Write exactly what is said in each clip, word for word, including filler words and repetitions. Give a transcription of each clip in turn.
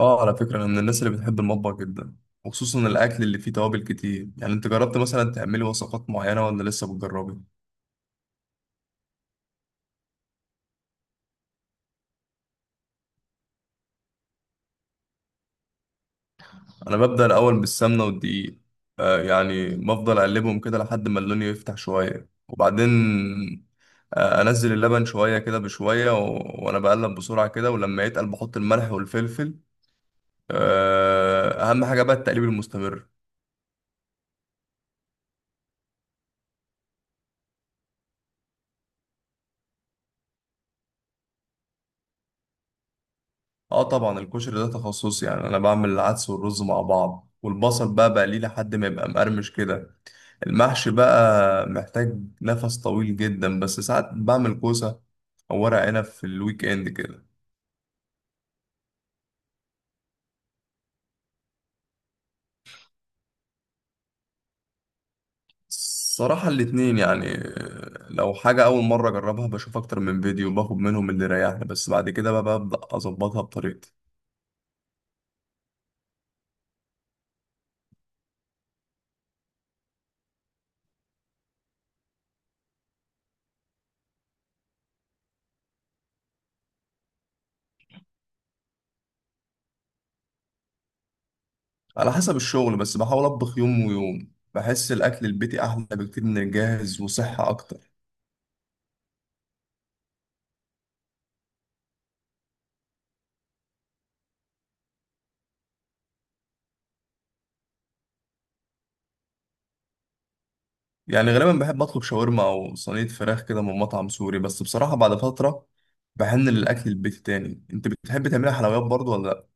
اه، على فكرة أنا من الناس اللي بتحب المطبخ جدا، وخصوصا الأكل اللي فيه توابل كتير. يعني أنت جربت مثلا تعملي وصفات معينة ولا لسه بتجربي؟ أنا ببدأ الأول بالسمنة والدقيق. آه يعني بفضل أقلبهم كده لحد ما اللون يفتح شوية، وبعدين آه أنزل اللبن شوية كده بشوية، و... وأنا بقلب بسرعة كده، ولما يتقل بحط الملح والفلفل. آه أهم حاجة بقى التقليب المستمر. اه طبعا، الكشري ده تخصصي. يعني انا بعمل العدس والرز مع بعض، والبصل بقى بقليه لحد ما يبقى مقرمش كده. المحشي بقى محتاج نفس طويل جدا، بس ساعات بعمل كوسة أو ورق عنب في الويك إند كده. الصراحة الاتنين، يعني آه، لو حاجة أول مرة أجربها بشوف أكتر من فيديو وباخد منهم اللي يريحني، بس بعد كده بقى ببدأ أظبطها بطريقتي. على حسب الشغل، بس بحاول أطبخ يوم ويوم. بحس الأكل البيتي أحلى بكتير من الجاهز وصحة أكتر. يعني غالبا بحب أطلب شاورما أو صينية فراخ كده من مطعم سوري، بس بصراحة بعد فترة بحن للأكل البيتي تاني. أنت بتحب تعملي حلويات برضو ولا لأ؟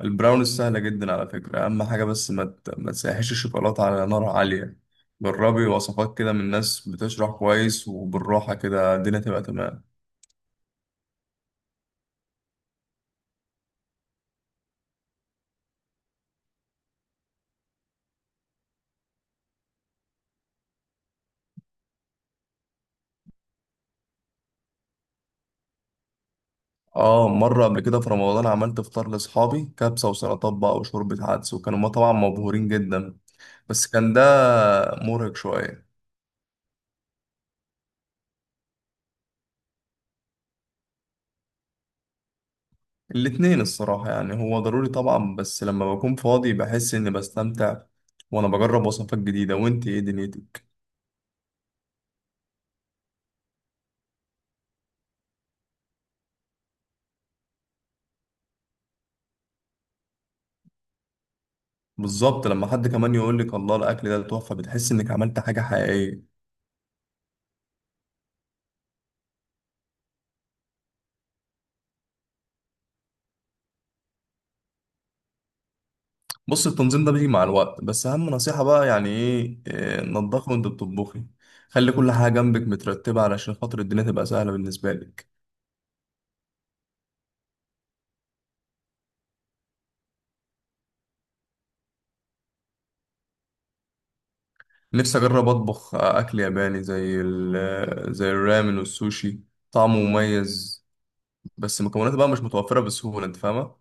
البراونيز سهلة جدا على فكرة. أهم حاجة بس ما ت- ما تسيحش الشوكولاتة على نار عالية. جربي وصفات كده من ناس بتشرح كويس، وبالراحة كده الدنيا تبقى تمام. اه، مرة قبل كده في رمضان عملت فطار لأصحابي، كبسة وسلطات بقى وشوربة عدس، وكانوا ما طبعا مبهورين جدا. بس كان ده مرهق شوية. الاتنين الصراحة، يعني هو ضروري طبعا، بس لما بكون فاضي بحس إني بستمتع وأنا بجرب وصفات جديدة. وإنتي إيه دنيتك؟ بالظبط، لما حد كمان يقول لك الله الاكل ده تحفه، بتحس انك عملت حاجه حقيقيه. بص، التنظيم ده بيجي مع الوقت، بس اهم نصيحه بقى يعني ايه إيه، نضفي وانت بتطبخي. خلي كل حاجه جنبك مترتبه علشان خاطر الدنيا تبقى سهله بالنسبه لك. نفسي اجرب اطبخ اكل ياباني زي ال- آه، زي الرامن والسوشي. طعمه مميز، بس مكوناته بقى مش متوفره بسهوله، انت فاهمه.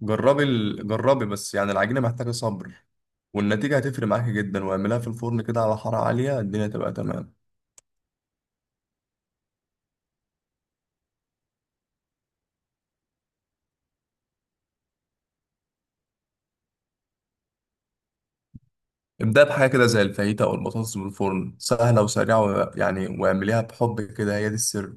جربي ال... جربي، بس يعني العجينه محتاجه صبر، والنتيجه هتفرق معاكي جدا. واعملها في الفرن كده على حراره عاليه الدنيا تبقى تمام. ابدأ بحاجة كده زي الفاهيتا أو البطاطس من الفرن، سهلة وسريعة، و... يعني واعمليها بحب كده، هي دي السر.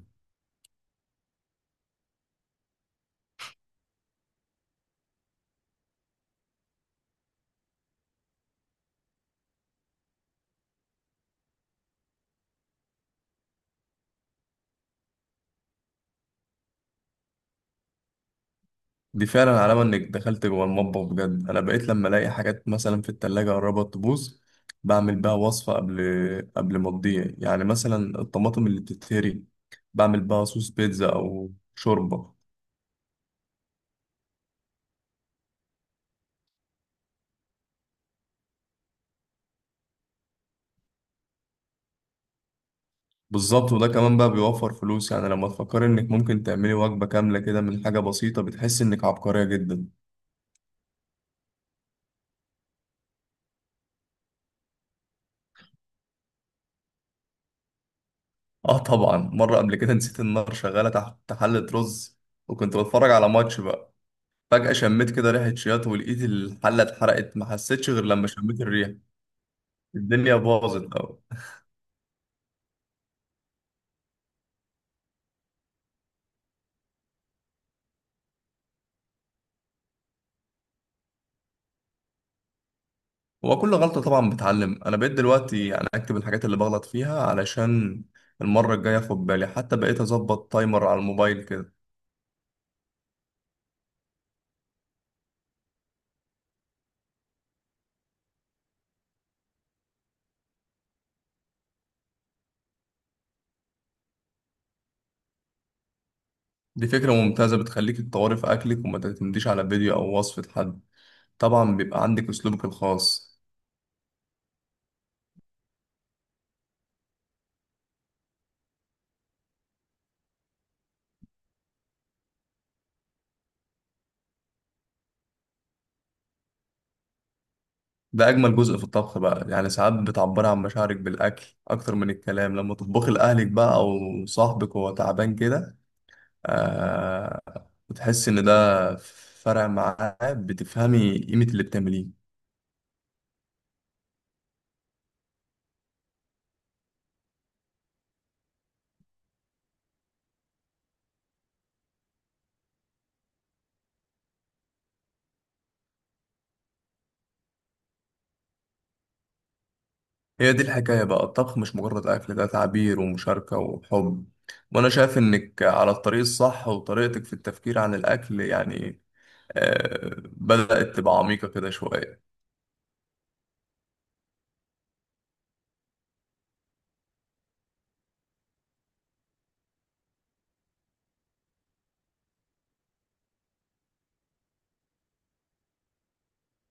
دي فعلا علامة إنك دخلت جوه المطبخ بجد. أنا بقيت لما ألاقي حاجات مثلا في التلاجة قربت تبوظ، بعمل بيها وصفة قبل قبل ما تضيع، يعني مثلا الطماطم اللي بتتهري بعمل بيها صوص بيتزا أو شوربة. بالظبط، وده كمان بقى بيوفر فلوس. يعني لما تفكر إنك ممكن تعملي وجبة كاملة كده من حاجة بسيطة بتحس إنك عبقرية جدا. اه طبعا، مرة قبل كده نسيت النار شغالة تحت حلة رز، وكنت بتفرج على ماتش بقى. فجأة شميت كده ريحة شياط، ولقيت الحلة اتحرقت. ما حسيتش غير لما شميت الريحة. الدنيا باظت أوي. هو كل غلطة طبعا بتعلم. أنا بقيت دلوقتي يعني أكتب الحاجات اللي بغلط فيها علشان المرة الجاية أخد بالي، حتى بقيت أظبط تايمر على الموبايل كده. دي فكرة ممتازة، بتخليك تطوري في أكلك وما تعتمديش على فيديو أو وصفة حد. طبعا بيبقى عندك أسلوبك الخاص. ده اجمل جزء في الطبخ بقى. يعني ساعات بتعبر عن مشاعرك بالاكل اكتر من الكلام. لما تطبخي لاهلك بقى او صاحبك وهو تعبان كده، آه بتحس ان ده فرق معاه، بتفهمي قيمة اللي بتعمليه. هي دي الحكاية بقى، الطبخ مش مجرد اكل، ده تعبير ومشاركة وحب. وانا شايف انك على الطريق الصح، وطريقتك في التفكير عن الاكل يعني آه بدأت تبقى عميقة كده شوية.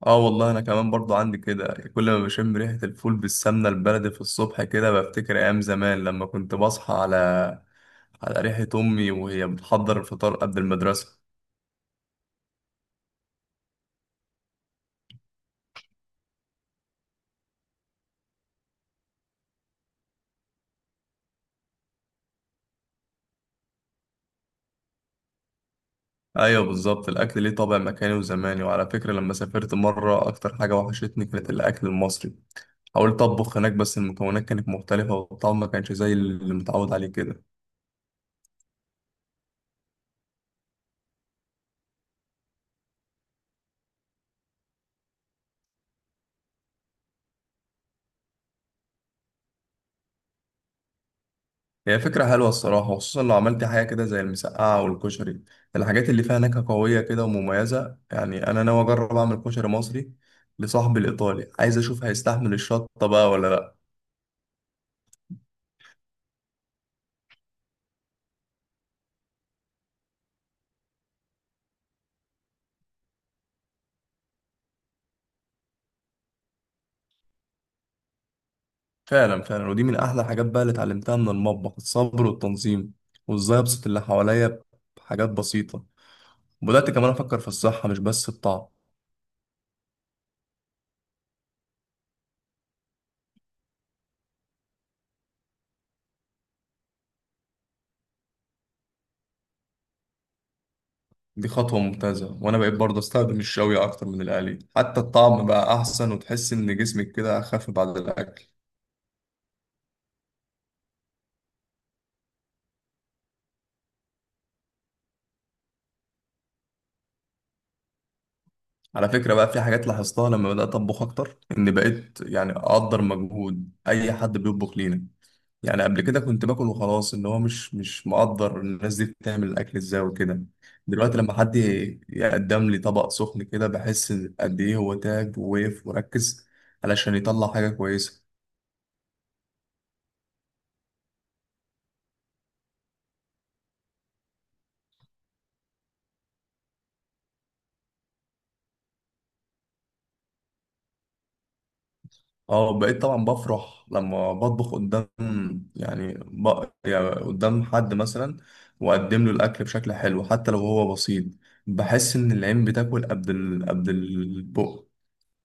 اه والله، انا كمان برضو عندي كده. كل ما بشم ريحة الفول بالسمنة البلدي في الصبح كده بفتكر ايام زمان لما كنت بصحى على على ريحة امي وهي بتحضر الفطار قبل المدرسة. ايوه بالظبط، الاكل ليه طابع مكاني وزماني. وعلى فكرة لما سافرت مرة، اكتر حاجة وحشتني كانت الاكل المصري. حاولت اطبخ هناك، بس المكونات كانت مختلفة والطعم ما كانش زي اللي متعود عليه كده. هي فكرة حلوة الصراحة، خصوصا لو عملت حاجة كده زي المسقعة والكشري، الحاجات اللي فيها نكهة قوية كده ومميزة. يعني أنا ناوي أجرب أعمل كشري مصري لصاحبي الإيطالي، عايز أشوف هيستحمل الشطة بقى ولا لأ. فعلا فعلا، ودي من أحلى الحاجات بقى اللي اتعلمتها من المطبخ، الصبر والتنظيم وإزاي أبسط اللي حواليا بحاجات بسيطة. وبدأت كمان أفكر في الصحة مش بس الطعم. دي خطوة ممتازة. وأنا بقيت برضه أستخدم الشوي أكتر من القلي، حتى الطعم بقى أحسن وتحس إن جسمك كده أخف بعد الأكل. على فكرة بقى، في حاجات لاحظتها لما بدأت أطبخ أكتر، إن بقيت يعني أقدر مجهود أي حد بيطبخ لينا. يعني قبل كده كنت باكل وخلاص، إن هو مش مش مقدر الناس دي بتعمل الأكل إزاي وكده. دلوقتي لما حد يقدم لي طبق سخن كده بحس قد إيه هو تعب ووقف وركز علشان يطلع حاجة كويسة. اه، بقيت طبعا بفرح لما بطبخ قدام، يعني, ب... يعني قدام حد مثلا، واقدم له الاكل بشكل حلو حتى لو هو بسيط. بحس ان العين بتاكل قبل ال... قبل البق.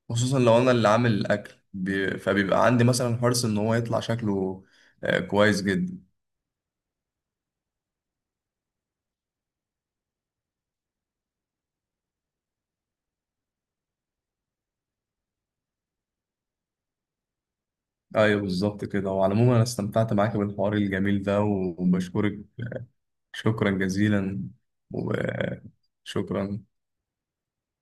خصوصا لو انا اللي عامل الاكل بي... فبيبقى عندي مثلا حرص ان هو يطلع شكله آه، كويس جدا. ايوه بالظبط كده. وعلى العموم انا استمتعت معاك بالحوار الجميل ده وبشكرك. شكرا جزيلا وشكرا.